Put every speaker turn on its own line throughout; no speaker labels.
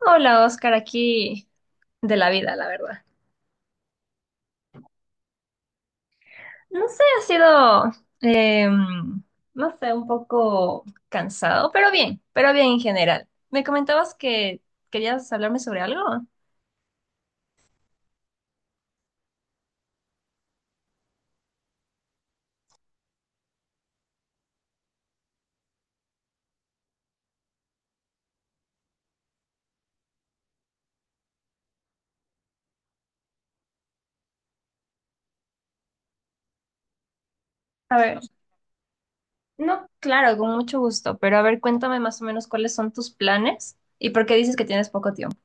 Hola, Oscar, aquí de la vida, la verdad. No sé, ha sido, em, no sé, un poco cansado, pero bien en general. Me comentabas que querías hablarme sobre algo. A ver, no, claro, con mucho gusto, pero a ver, cuéntame más o menos cuáles son tus planes y por qué dices que tienes poco tiempo.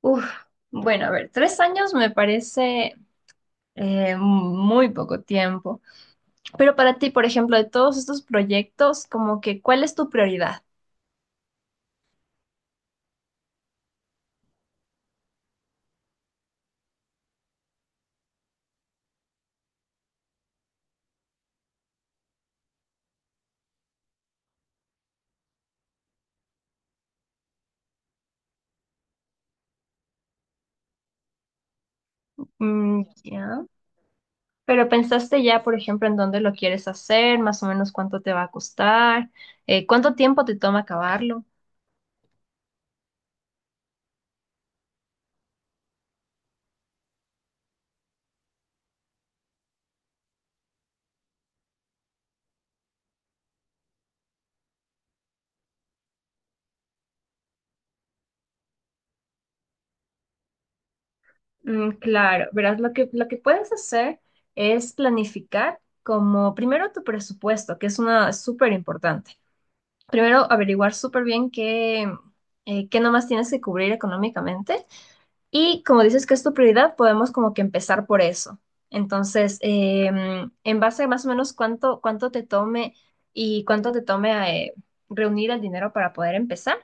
Uf, bueno, a ver, 3 años me parece muy poco tiempo, pero para ti, por ejemplo, de todos estos proyectos, como que, ¿cuál es tu prioridad? Mm, ya. Pero pensaste ya, por ejemplo, en dónde lo quieres hacer, más o menos cuánto te va a costar, cuánto tiempo te toma acabarlo. Mm, claro, verás, lo que puedes hacer es planificar como primero tu presupuesto, que es una súper importante. Primero, averiguar súper bien qué nomás tienes que cubrir económicamente. Y como dices que es tu prioridad, podemos como que empezar por eso. Entonces, en base a más o menos cuánto te tome y cuánto te tome reunir el dinero para poder empezar,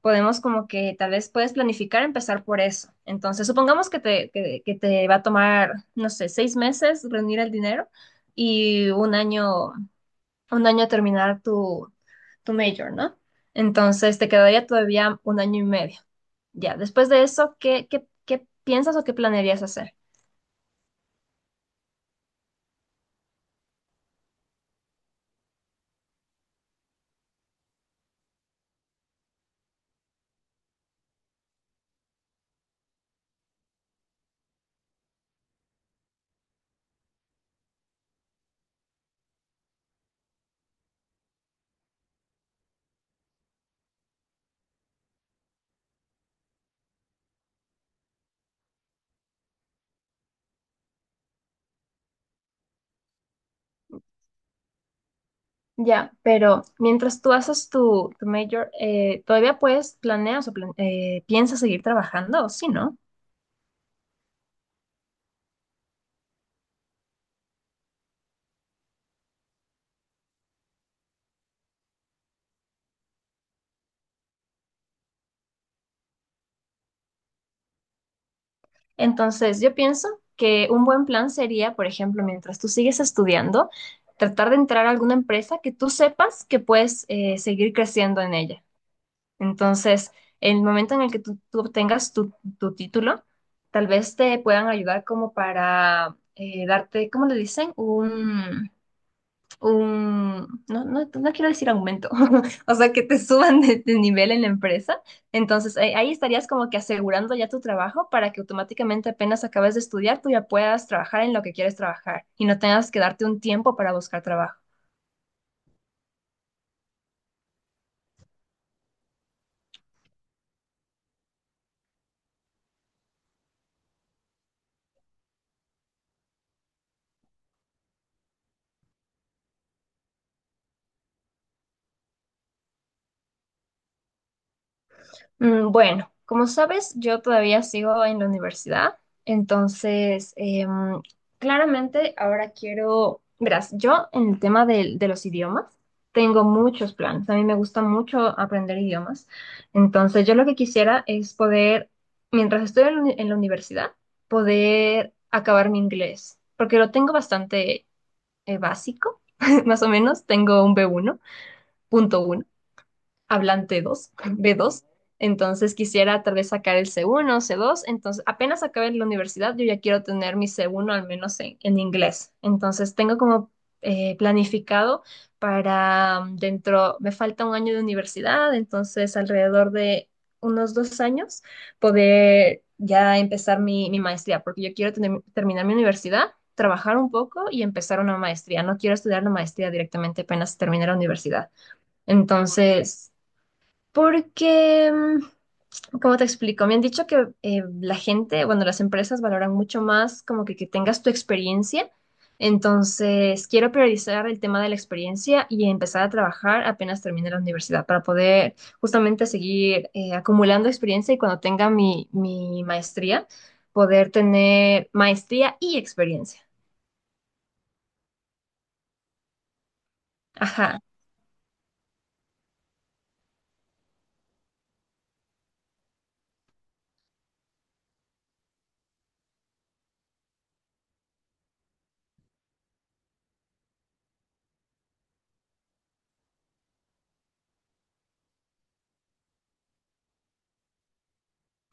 podemos como que tal vez puedes planificar empezar por eso. Entonces, supongamos que te va a tomar, no sé, 6 meses reunir el dinero y un año a terminar tu major, ¿no? Entonces te quedaría todavía un año y medio. Ya, después de eso, ¿qué piensas o qué planearías hacer? Ya, pero mientras tú haces tu major, ¿todavía puedes planeas o plan- piensas seguir trabajando o sí, no? Entonces yo pienso que un buen plan sería, por ejemplo, mientras tú sigues estudiando, tratar de entrar a alguna empresa que tú sepas que puedes seguir creciendo en ella. Entonces, en el momento en el que tú obtengas tu título, tal vez te puedan ayudar como para darte, ¿cómo le dicen? No, no, no quiero decir aumento, o sea, que te suban de nivel en la empresa. Entonces, ahí estarías como que asegurando ya tu trabajo para que automáticamente apenas acabes de estudiar, tú ya puedas trabajar en lo que quieres trabajar y no tengas que darte un tiempo para buscar trabajo. Mm. Bueno, como sabes, yo todavía sigo en la universidad, entonces claramente ahora quiero, verás, yo en el tema de los idiomas tengo muchos planes, a mí me gusta mucho aprender idiomas, entonces yo lo que quisiera es poder, mientras estoy en la universidad, poder acabar mi inglés, porque lo tengo bastante básico, más o menos, tengo un B1 .1 hablante 2 B2. Entonces quisiera tal vez sacar el C1 C2. Entonces apenas acabe la universidad, yo ya quiero tener mi C1 al menos en inglés. Entonces tengo como planificado para dentro, me falta un año de universidad, entonces alrededor de unos 2 años poder ya empezar mi maestría, porque yo quiero terminar mi universidad, trabajar un poco y empezar una maestría. No quiero estudiar la maestría directamente apenas terminar la universidad. Entonces, porque, como te explico, me han dicho que la gente, bueno, las empresas valoran mucho más como que tengas tu experiencia. Entonces, quiero priorizar el tema de la experiencia y empezar a trabajar apenas termine la universidad para poder justamente seguir acumulando experiencia y cuando tenga mi maestría, poder tener maestría y experiencia. Ajá.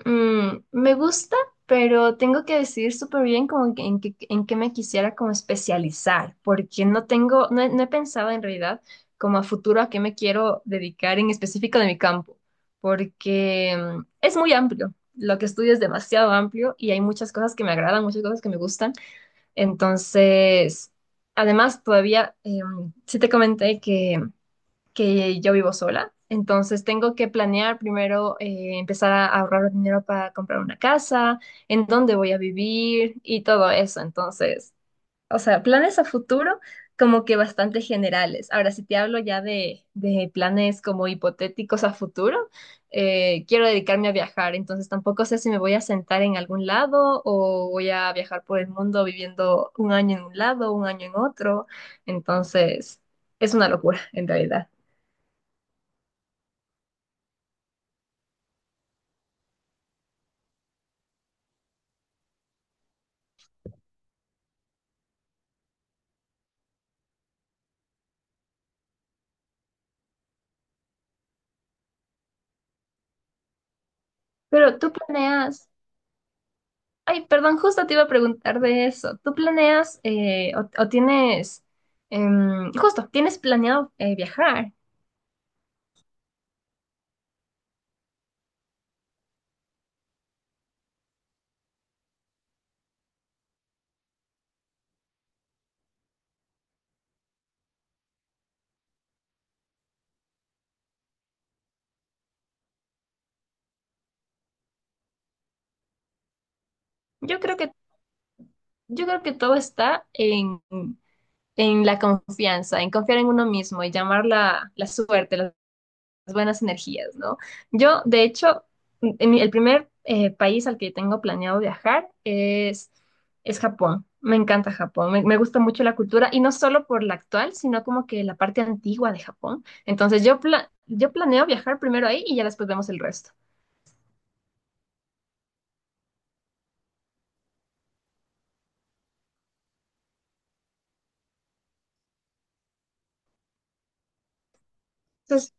Mm, me gusta, pero tengo que decidir súper bien en qué me quisiera como especializar, porque no he pensado en realidad como a futuro a qué me quiero dedicar en específico de mi campo, porque es muy amplio. Lo que estudio es demasiado amplio y hay muchas cosas que me agradan, muchas cosas que me gustan. Entonces, además, todavía, sí te comenté que yo vivo sola. Entonces tengo que planear primero empezar a ahorrar dinero para comprar una casa, en dónde voy a vivir y todo eso. Entonces, o sea, planes a futuro como que bastante generales. Ahora, si te hablo ya de planes como hipotéticos a futuro, quiero dedicarme a viajar, entonces tampoco sé si me voy a sentar en algún lado o voy a viajar por el mundo viviendo un año en un lado, un año en otro. Entonces, es una locura en realidad. Pero tú planeas, ay, perdón, justo te iba a preguntar de eso. ¿Tú planeas o tienes, justo, tienes planeado viajar? Yo creo que, yo creo que todo está en la confianza, en confiar en uno mismo y llamar la suerte, buenas energías, ¿no? Yo, de hecho, el primer país al que tengo planeado viajar es Japón. Me encanta Japón, me gusta mucho la cultura y no solo por la actual, sino como que la parte antigua de Japón. Entonces yo planeo viajar primero ahí y ya después vemos el resto. Entonces.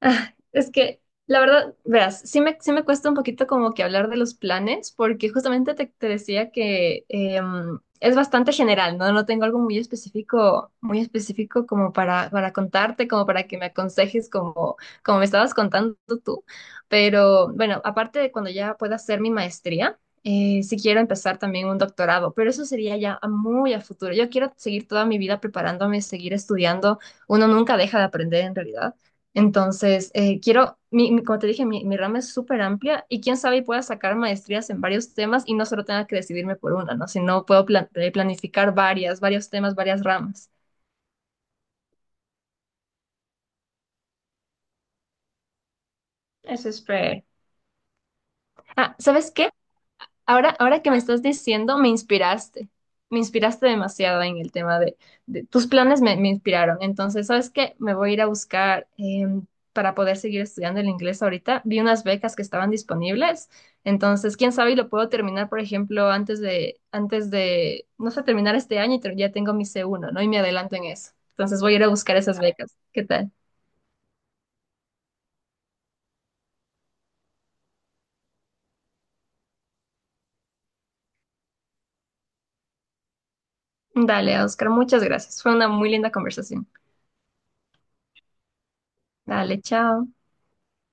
Ah, es que, la verdad, verás, sí me cuesta un poquito como que hablar de los planes, porque justamente te decía que es bastante general, ¿no? No tengo algo muy específico como para contarte, como para que me aconsejes como me estabas contando tú. Pero bueno, aparte de cuando ya pueda hacer mi maestría, sí quiero empezar también un doctorado, pero eso sería ya a muy a futuro. Yo quiero seguir toda mi vida preparándome, seguir estudiando. Uno nunca deja de aprender en realidad. Entonces, quiero, como te dije, mi rama es súper amplia y quién sabe y pueda sacar maestrías en varios temas y no solo tenga que decidirme por una, ¿no? Sino puedo planificar varias, varios temas, varias ramas. Eso es súper. Ah, ¿sabes qué? Ahora que me estás diciendo, me inspiraste. Me inspiraste demasiado en el tema de tus planes me inspiraron. Entonces, ¿sabes qué? Me voy a ir a buscar em, para poder seguir estudiando el inglés ahorita. Vi unas becas que estaban disponibles. Entonces, quién sabe, y lo puedo terminar, por ejemplo, no sé, terminar este año y ya tengo mi C1. ¿No? Y me adelanto en eso. Entonces, voy a ir a buscar esas becas. ¿Qué tal? Dale, Oscar, muchas gracias. Fue una muy linda conversación. Dale, chao.